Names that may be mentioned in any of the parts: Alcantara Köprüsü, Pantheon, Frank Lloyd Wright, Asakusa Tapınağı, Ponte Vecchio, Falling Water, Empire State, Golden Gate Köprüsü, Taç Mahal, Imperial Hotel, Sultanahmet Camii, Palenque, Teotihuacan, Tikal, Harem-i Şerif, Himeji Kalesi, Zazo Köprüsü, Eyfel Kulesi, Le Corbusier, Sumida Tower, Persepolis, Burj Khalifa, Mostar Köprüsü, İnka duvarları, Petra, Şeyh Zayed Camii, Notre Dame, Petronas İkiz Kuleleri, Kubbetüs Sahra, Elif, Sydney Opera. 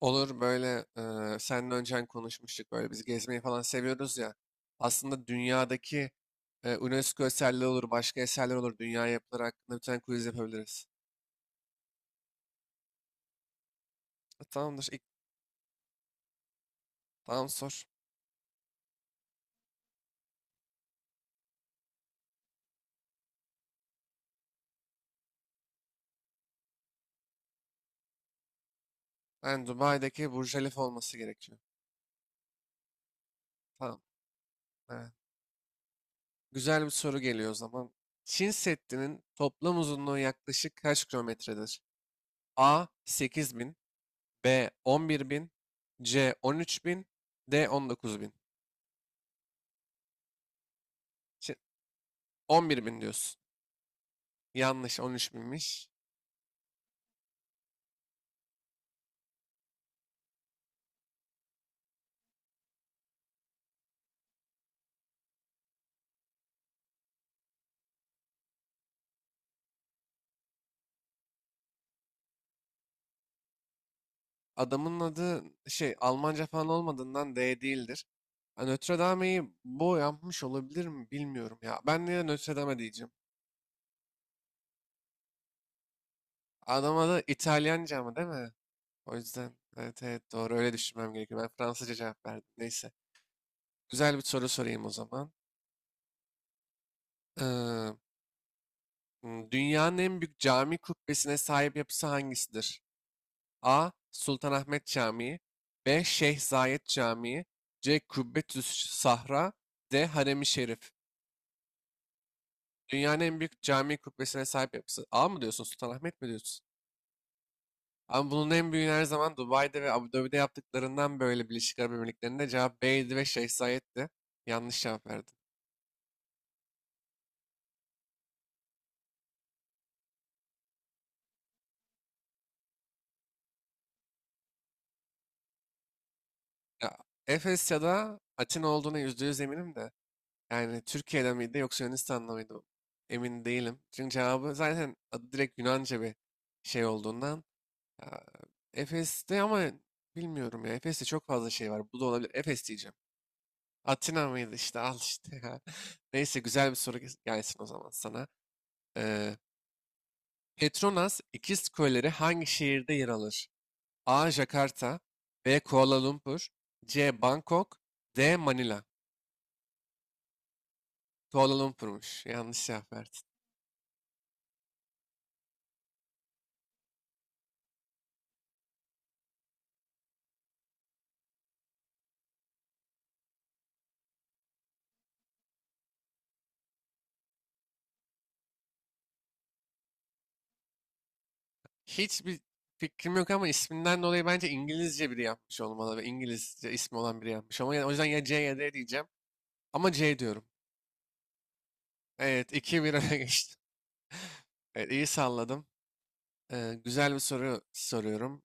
Olur, böyle seninle öncen konuşmuştuk, böyle biz gezmeyi falan seviyoruz ya. Aslında dünyadaki UNESCO eserleri olur, başka eserler olur. Dünya yapıları hakkında bir tane quiz yapabiliriz. Tamamdır. Tamam, sor. Yani Dubai'deki Burj Khalifa olması gerekiyor. Tamam. Evet. Güzel bir soru geliyor o zaman. Çin Seddi'nin toplam uzunluğu yaklaşık kaç kilometredir? A 8000, B 11000, C 13000, D 19000. Çin- 11000 diyorsun. Yanlış, 13 binmiş. Adamın adı Almanca falan olmadığından D değildir. Ha, Notre Dame'yi bu yapmış olabilir mi, bilmiyorum ya. Ben niye Notre Dame diyeceğim? Adam adı İtalyanca mı değil mi? O yüzden evet, evet, doğru, öyle düşünmem gerekiyor. Ben Fransızca cevap verdim. Neyse. Güzel bir soru sorayım o zaman. Ee, dünyanın en büyük cami kubbesine sahip yapısı hangisidir? A. Sultanahmet Camii. B. Şeyh Zayed Camii. C. Kubbetüs Sahra. D. Harem-i Şerif. Dünyanın en büyük cami kubbesine sahip yapısı. A mı diyorsun, Sultanahmet mi diyorsun? Ama bunun en büyüğünü her zaman Dubai'de ve Abu Dhabi'de yaptıklarından, böyle Birleşik Arap Emirlikleri'nde, cevap B'ydi ve Şeyh Zayed'di. Yanlış cevap verdin. Ya, Efes ya da Atina olduğuna yüzde yüz eminim de. Yani Türkiye'de miydi yoksa Yunanistan'da mıydı? Emin değilim. Çünkü cevabı zaten adı direkt Yunanca bir şey olduğundan. Ya, Efes'te, ama bilmiyorum ya. Efes'te çok fazla şey var. Bu da olabilir. Efes diyeceğim. Atina mıydı işte al işte ya. Neyse, güzel bir soru gelsin o zaman sana. Ee, Petronas İkiz Kuleleri hangi şehirde yer alır? A. Jakarta. B. Kuala Lumpur. C. Bangkok. D. Manila. Kuala Lumpur'muş. Yanlış cevap verdin. Hiçbir fikrim yok, ama isminden dolayı bence İngilizce biri yapmış olmalı ve İngilizce ismi olan biri yapmış. Ama yani, o yüzden ya C ya D diyeceğim. Ama C diyorum. Evet, iki bir öne geçtim. Evet, iyi salladım. Güzel bir soru soruyorum.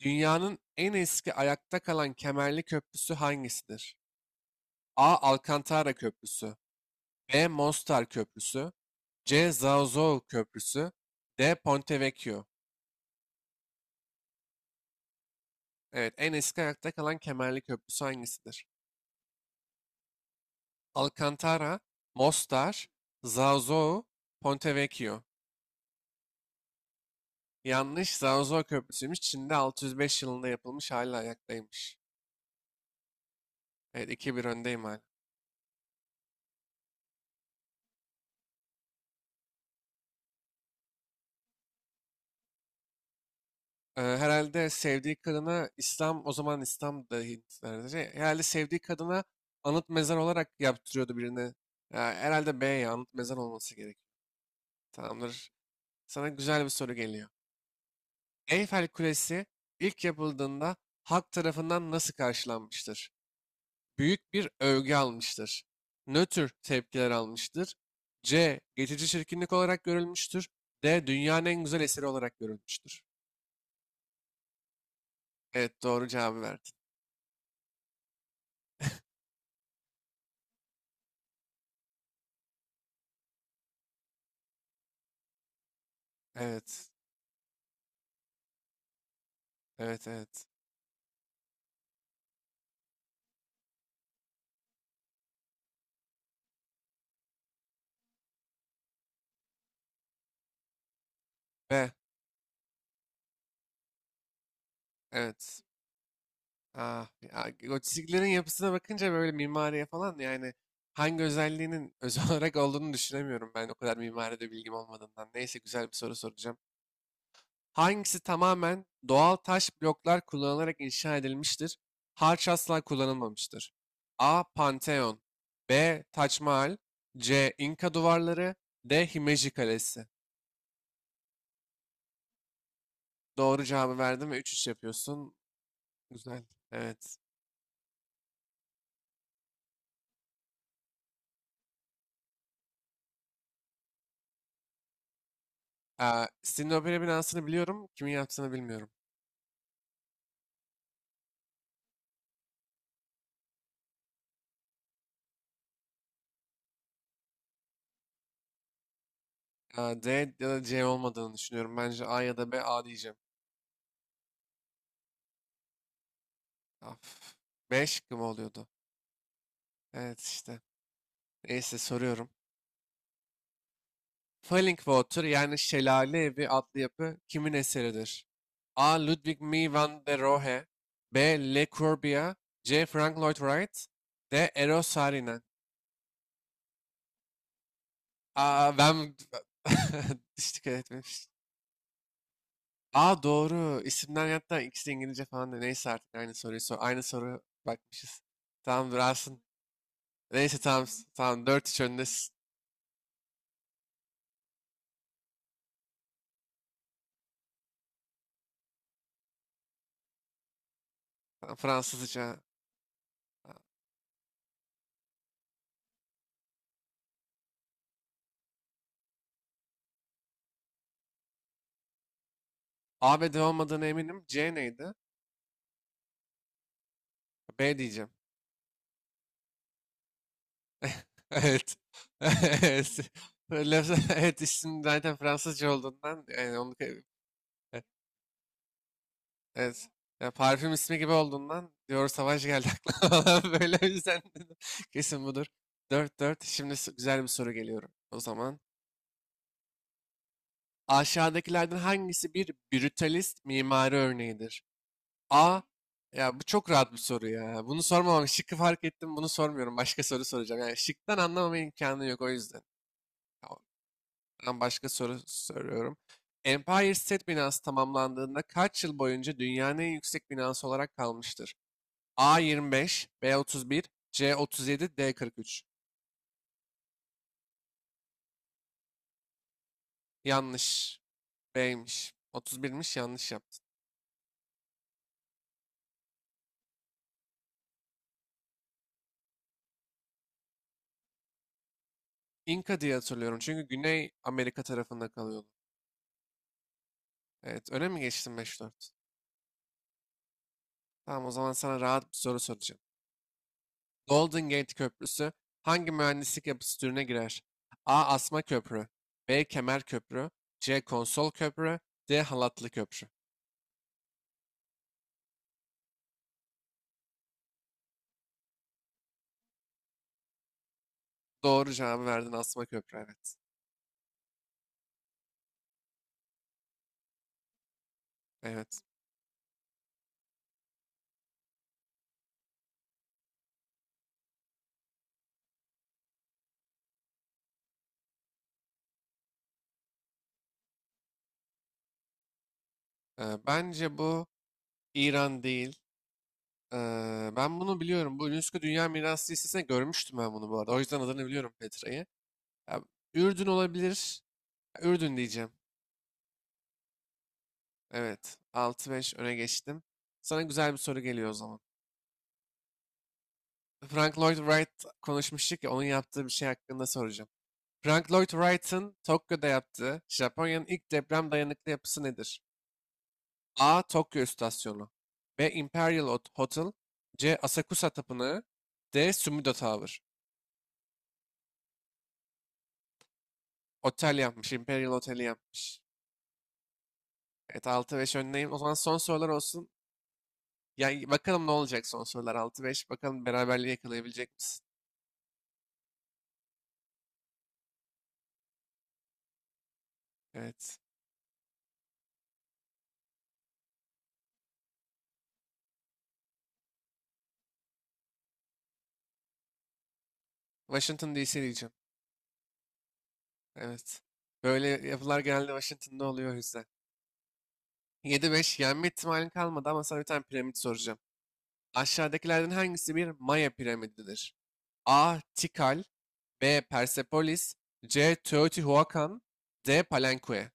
Dünyanın en eski ayakta kalan kemerli köprüsü hangisidir? A. Alcantara Köprüsü. B. Mostar Köprüsü. C. Zazo Köprüsü. D. Ponte Vecchio. Evet, en eski ayakta kalan kemerli köprüsü hangisidir? Alcantara, Mostar, Zazo, Ponte Vecchio. Yanlış, Zazo Köprüsü'ymüş. Çin'de 605 yılında yapılmış, hala ayaktaymış. Evet, iki bir öndeyim hala. Herhalde sevdiği kadına İslam, o zaman İslam da Hintlerce, herhalde sevdiği kadına anıt mezar olarak yaptırıyordu birini. Ya, herhalde B, ya anıt mezar olması gerek. Tamamdır. Sana güzel bir soru geliyor. Eyfel Kulesi ilk yapıldığında halk tarafından nasıl karşılanmıştır? Büyük bir övgü almıştır. Nötr tepkiler almıştır. C. Geçici çirkinlik olarak görülmüştür. D. Dünyanın en güzel eseri olarak görülmüştür. Evet, doğru cevabı verdin. Evet. Evet, evet. Ve evet. Ah, ya, gotiklerin yapısına bakınca böyle, mimariye falan, yani hangi özelliğinin özel olarak olduğunu düşünemiyorum, ben o kadar mimaride bilgim olmadığından. Neyse, güzel bir soru soracağım. Hangisi tamamen doğal taş bloklar kullanılarak inşa edilmiştir? Harç asla kullanılmamıştır. A. Pantheon. B. Taç Mahal. C. İnka duvarları. D. Himeji Kalesi. Doğru cevabı verdim ve üç üç yapıyorsun. Güzel. Evet. Aa, Sydney Opera binasını biliyorum. Kimin yaptığını bilmiyorum. Aa, D ya da C olmadığını düşünüyorum. Bence A ya da B. A diyeceğim. Af. B şıkkı mı oluyordu? Evet işte. Neyse, soruyorum. Falling Water, yani Şelale Evi adlı yapı kimin eseridir? A. Ludwig Mies van der Rohe. B. Le Corbusier. C. Frank Lloyd Wright. D. Eros Saarinen. Aa, ben hiç dikkat etmemiştim. Aa, doğru. İsimler, hatta ikisi İngilizce falan da. Neyse artık, aynı soruyu sor. Aynı soru bakmışız. Tamam durasın. Neyse tamam. Tamam, 4-3 öndesin. Tamam, Fransızca. A ve D olmadığına eminim. C neydi? B diyeceğim. Evet. Evet. Evet, isim zaten Fransızca olduğundan, yani onu e- evet. Ya parfüm ismi gibi olduğundan, diyor, savaş geldi aklıma falan. Böyle, o yüzden dedim, kesin budur. Dört dört. Şimdi güzel bir soru geliyorum. O zaman aşağıdakilerden hangisi bir brutalist mimari örneğidir? A. Ya bu çok rahat bir soru ya. Bunu sormamam. Şıkkı fark ettim. Bunu sormuyorum. Başka soru soracağım. Yani şıktan anlamama imkanı yok, o yüzden. Tamam. Ben başka soru soruyorum. Empire State binası tamamlandığında kaç yıl boyunca dünyanın en yüksek binası olarak kalmıştır? A 25, B 31, C 37, D 43. Yanlış. B'ymiş. 31'miş, yanlış yaptın. İnka diye hatırlıyorum çünkü Güney Amerika tarafında kalıyordu. Evet, öne mi geçtim, beş dört? Tamam, o zaman sana rahat bir soru soracağım. Golden Gate Köprüsü hangi mühendislik yapısı türüne girer? A. Asma köprü. B. Kemer köprü. C. Konsol köprü. D. Halatlı köprü. Doğru cevabı verdin, asma köprü, evet. Evet. Bence bu İran değil. Ben bunu biliyorum. Bu UNESCO Dünya Mirası listesinde görmüştüm ben bunu bu arada. O yüzden adını biliyorum, Petra'yı. Ya, Ürdün olabilir. Ya, Ürdün diyeceğim. Evet, altı beş öne geçtim. Sana güzel bir soru geliyor o zaman. Frank Lloyd Wright, konuşmuştuk ya, onun yaptığı bir şey hakkında soracağım. Frank Lloyd Wright'ın Tokyo'da yaptığı, Japonya'nın ilk deprem dayanıklı yapısı nedir? A. Tokyo İstasyonu. B. Imperial Hotel. C. Asakusa Tapınağı. D. Sumida Tower. Otel yapmış. Imperial Oteli yapmış. Evet, altı beş öndeyim. O zaman son sorular olsun. Yani bakalım ne olacak, son sorular altı beş. Bakalım beraberliği yakalayabilecek misin? Evet. Washington DC diyeceğim. Evet. Böyle yapılar genelde Washington'da oluyor, o yüzden. 7-5, yenme ihtimalin kalmadı, ama sana bir tane piramit soracağım. Aşağıdakilerden hangisi bir Maya piramididir? A. Tikal. B. Persepolis. C. Teotihuacan. D. Palenque.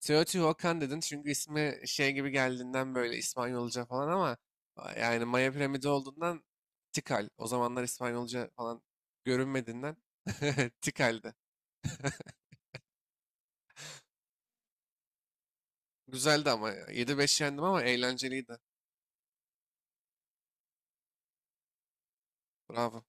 Teotihuacan dedin çünkü ismi şey gibi geldiğinden, böyle İspanyolca falan, ama yani Maya piramidi olduğundan Tikal. O zamanlar İspanyolca falan görünmediğinden Tikal'di. Güzeldi, ama 7-5 yendim, ama eğlenceliydi. Bravo.